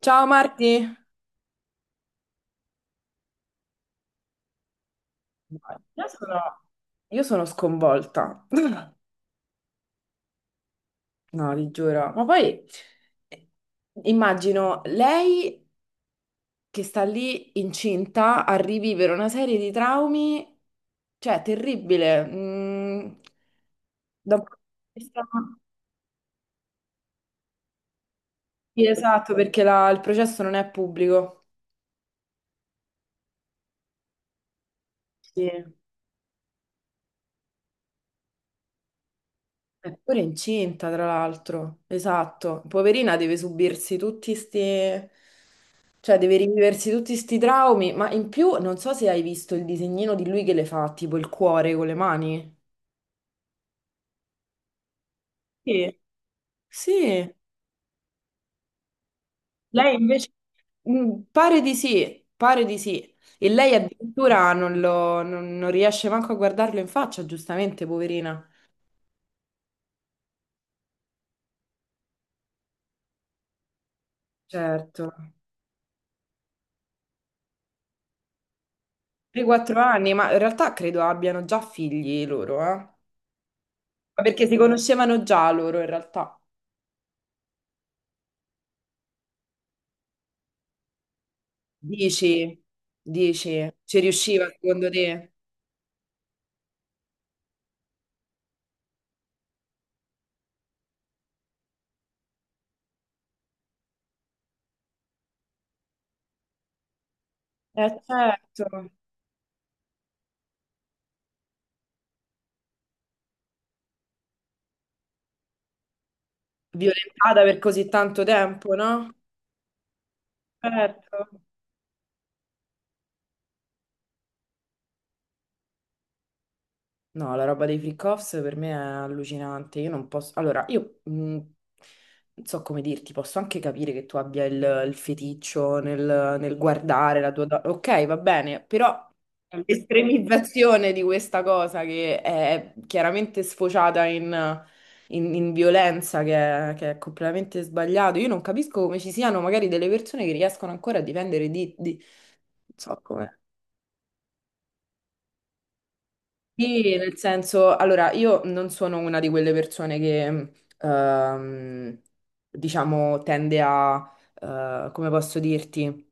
Ciao Marti. Io sono- io sono sconvolta. No, vi giuro. Ma poi eh, immagino lei che sta lì incinta a rivivere una serie di traumi, cioè terribile. Mm, da un punto di vista- Sì, esatto, perché il processo non è pubblico. Sì. È pure incinta, tra l'altro. Esatto. Poverina deve subirsi tutti questi. Cioè, deve riviversi tutti sti traumi, ma in più non so se hai visto il disegnino di lui che le fa, tipo il cuore con le mani. Sì. Sì, Lei invece. Pare di sì, pare di sì. E lei addirittura non, lo- non- non riesce manco a guardarlo in faccia, giustamente, poverina. Certo. 3-4 anni, ma in realtà credo abbiano già figli loro, eh? Ma perché si conoscevano già loro, in realtà. Dici, dici, ci riusciva secondo te? Eh certo. Violentata per così tanto tempo, no? Certo. No, la roba dei freak-offs per me è allucinante. Io non posso. Allora, io non so come dirti, posso anche capire che tu abbia il feticcio nel guardare la tua. Ok, va bene, però l'estremizzazione di questa cosa che è chiaramente sfociata in violenza che è completamente sbagliato. Io non capisco come ci siano magari delle persone che riescono ancora a difendere . Non so come. Sì, nel senso, allora io non sono una di quelle persone che, ehm, diciamo, tende a, come posso dirti,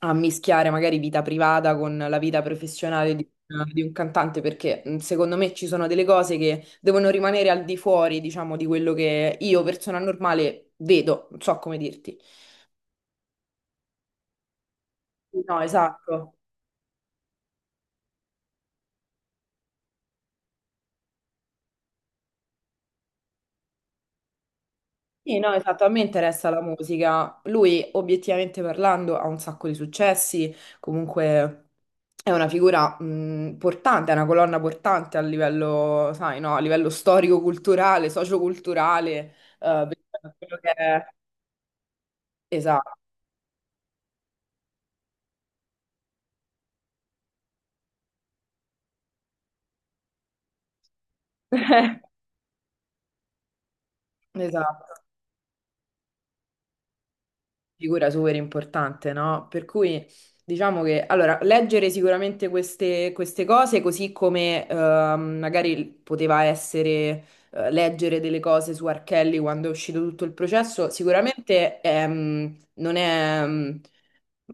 a mischiare magari vita privata con la vita professionale di un cantante, perché secondo me ci sono delle cose che devono rimanere al di fuori, diciamo, di quello che io, persona normale, vedo, non so come dirti. No, esatto. Sì, no, esatto, a me interessa la musica. Lui, obiettivamente parlando, ha un sacco di successi, comunque è una figura portante, è una colonna portante a livello, sai, no, a livello storico-culturale, socioculturale, per quello che è. Esatto. Esatto. Figura super importante, no? Per cui diciamo che allora, leggere sicuramente queste, queste cose, così come magari poteva essere leggere delle cose su Archelli quando è uscito tutto il processo, sicuramente non è, mm,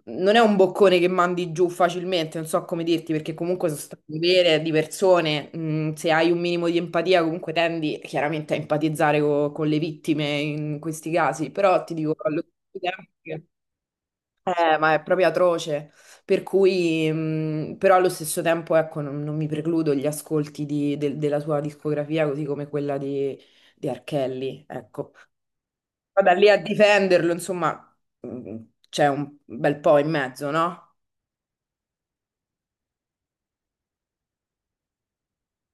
non è un boccone che mandi giù facilmente, non so come dirti, perché comunque sono storie vere di persone, se hai un minimo di empatia comunque tendi chiaramente a empatizzare con le vittime in questi casi, però ti dico... allo sì. Ma è proprio atroce, per cui, però allo stesso tempo, ecco, non mi precludo gli ascolti della sua discografia, così come quella di Archelli, ecco. Poi da lì a difenderlo, insomma, mh, c'è un bel po' in mezzo, no?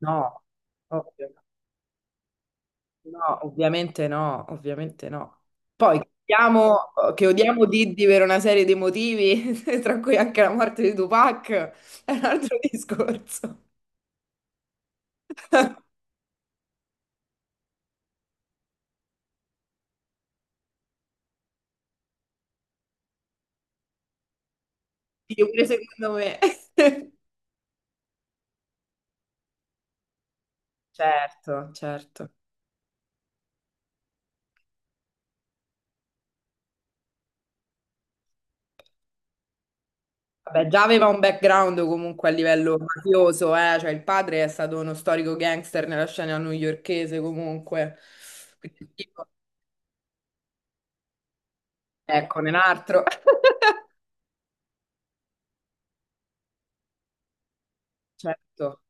No, ovvio. No, ovviamente no, ovviamente no. Poi che odiamo Diddy per una serie di motivi, tra cui anche la morte di Tupac, è un altro discorso. Sì, pure secondo me. Certo, certo. Vabbè, già aveva un background comunque a livello mafioso, eh? Cioè il padre è stato uno storico gangster nella scena newyorkese comunque. Quindi, tipo, ecco, un altro. Certo,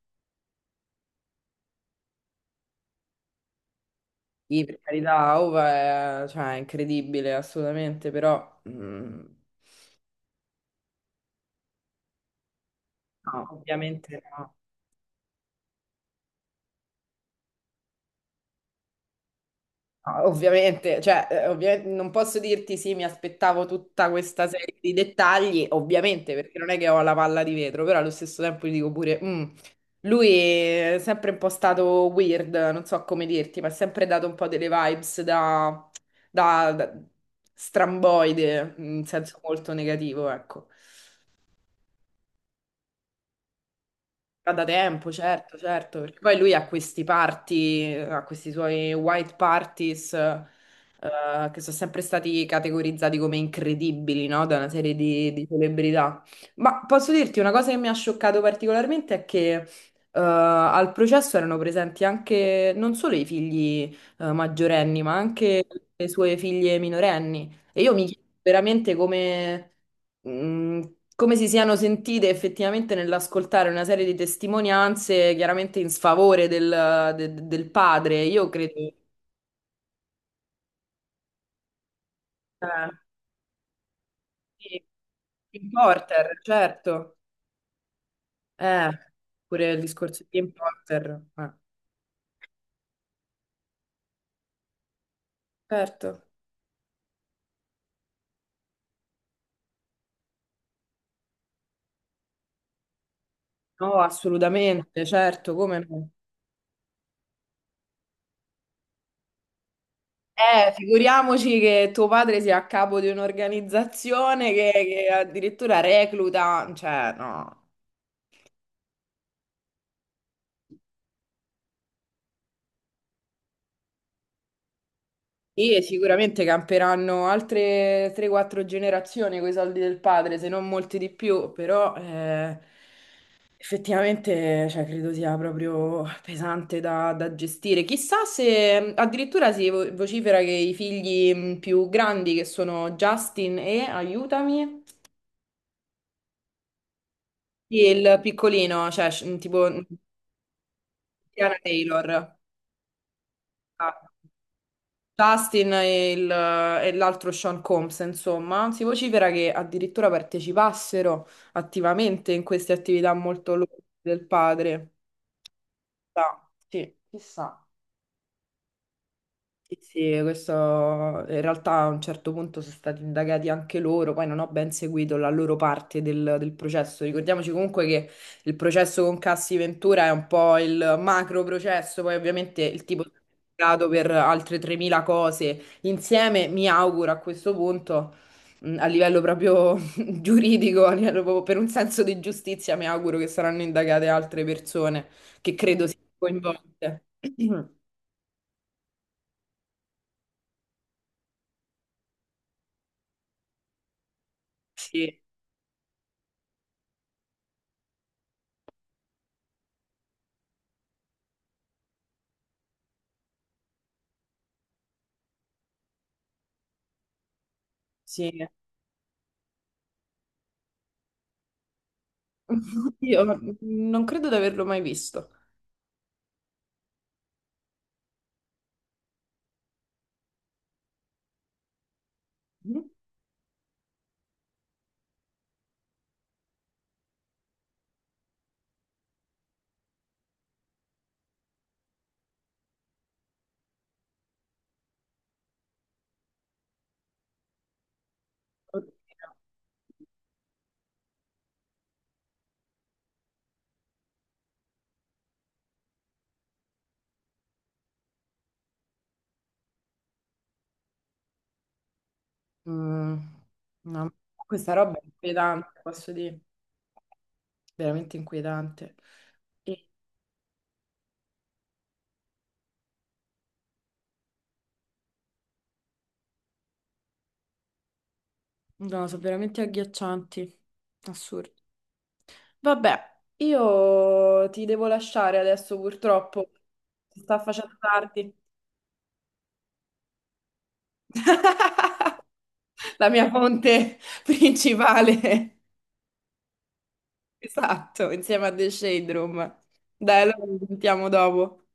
sì, per carità, Ova è, cioè, è incredibile, assolutamente, però no, ovviamente no. Ah, ovviamente, cioè, ovviamente non posso dirti sì, mi aspettavo tutta questa serie di dettagli, ovviamente, perché non è che ho la palla di vetro, però allo stesso tempo gli dico pure, "Lui è sempre un po' stato weird, non so come dirti, ma ha sempre dato un po' delle vibes da, da stramboide, in senso molto negativo, ecco. Ah, da tempo, certo, certo, perché poi lui ha questi party, ha questi suoi white parties, che sono sempre stati categorizzati come incredibili, no? Da una serie di celebrità. Ma posso dirti una cosa che mi ha scioccato particolarmente è che, al processo erano presenti anche non solo i figli, maggiorenni, ma anche le sue figlie minorenni. E io mi chiedo veramente mh, come si siano sentite effettivamente nell'ascoltare una serie di testimonianze chiaramente in sfavore del padre. Io credo. Eh, sì, Tim Porter, certo. Eh, pure il discorso di Tim Porter. Eh, certo. No, assolutamente, certo, come no. Figuriamoci che tuo padre sia a capo di un'organizzazione che addirittura recluta, cioè, no. Sì, e sicuramente camperanno altre 3-4 generazioni con i soldi del padre, se non molti di più, però effettivamente cioè, credo sia proprio pesante da gestire. Chissà se addirittura si vocifera che i figli più grandi, che sono Justin e, aiutami, e il piccolino, cioè tipo Tiana Taylor. Ah. Justin e l'altro Sean Combs, insomma, si vocifera che addirittura partecipassero attivamente in queste attività molto lodevoli del padre. Chissà. Sì, sì, questo in realtà a un certo punto sono stati indagati anche loro, poi non ho ben seguito la loro parte del processo. Ricordiamoci comunque che il processo con Cassi Ventura è un po' il macro processo, poi ovviamente il tipo è stato per altre 3.000 cose insieme, mi auguro a questo punto, a livello proprio giuridico, a livello proprio per un senso di giustizia, mi auguro che saranno indagate altre persone che credo siano coinvolte. Sì, sì. Io non credo di averlo mai visto. Mhm. Oddio. Mm, no, questa roba è inquietante, posso dire, veramente inquietante. E- no, sono veramente agghiaccianti, assurdi. Vabbè, io ti devo lasciare adesso purtroppo, si sta facendo tardi. La mia fonte principale, esatto, insieme a The Shade Room. Dai, allora ci sentiamo dopo.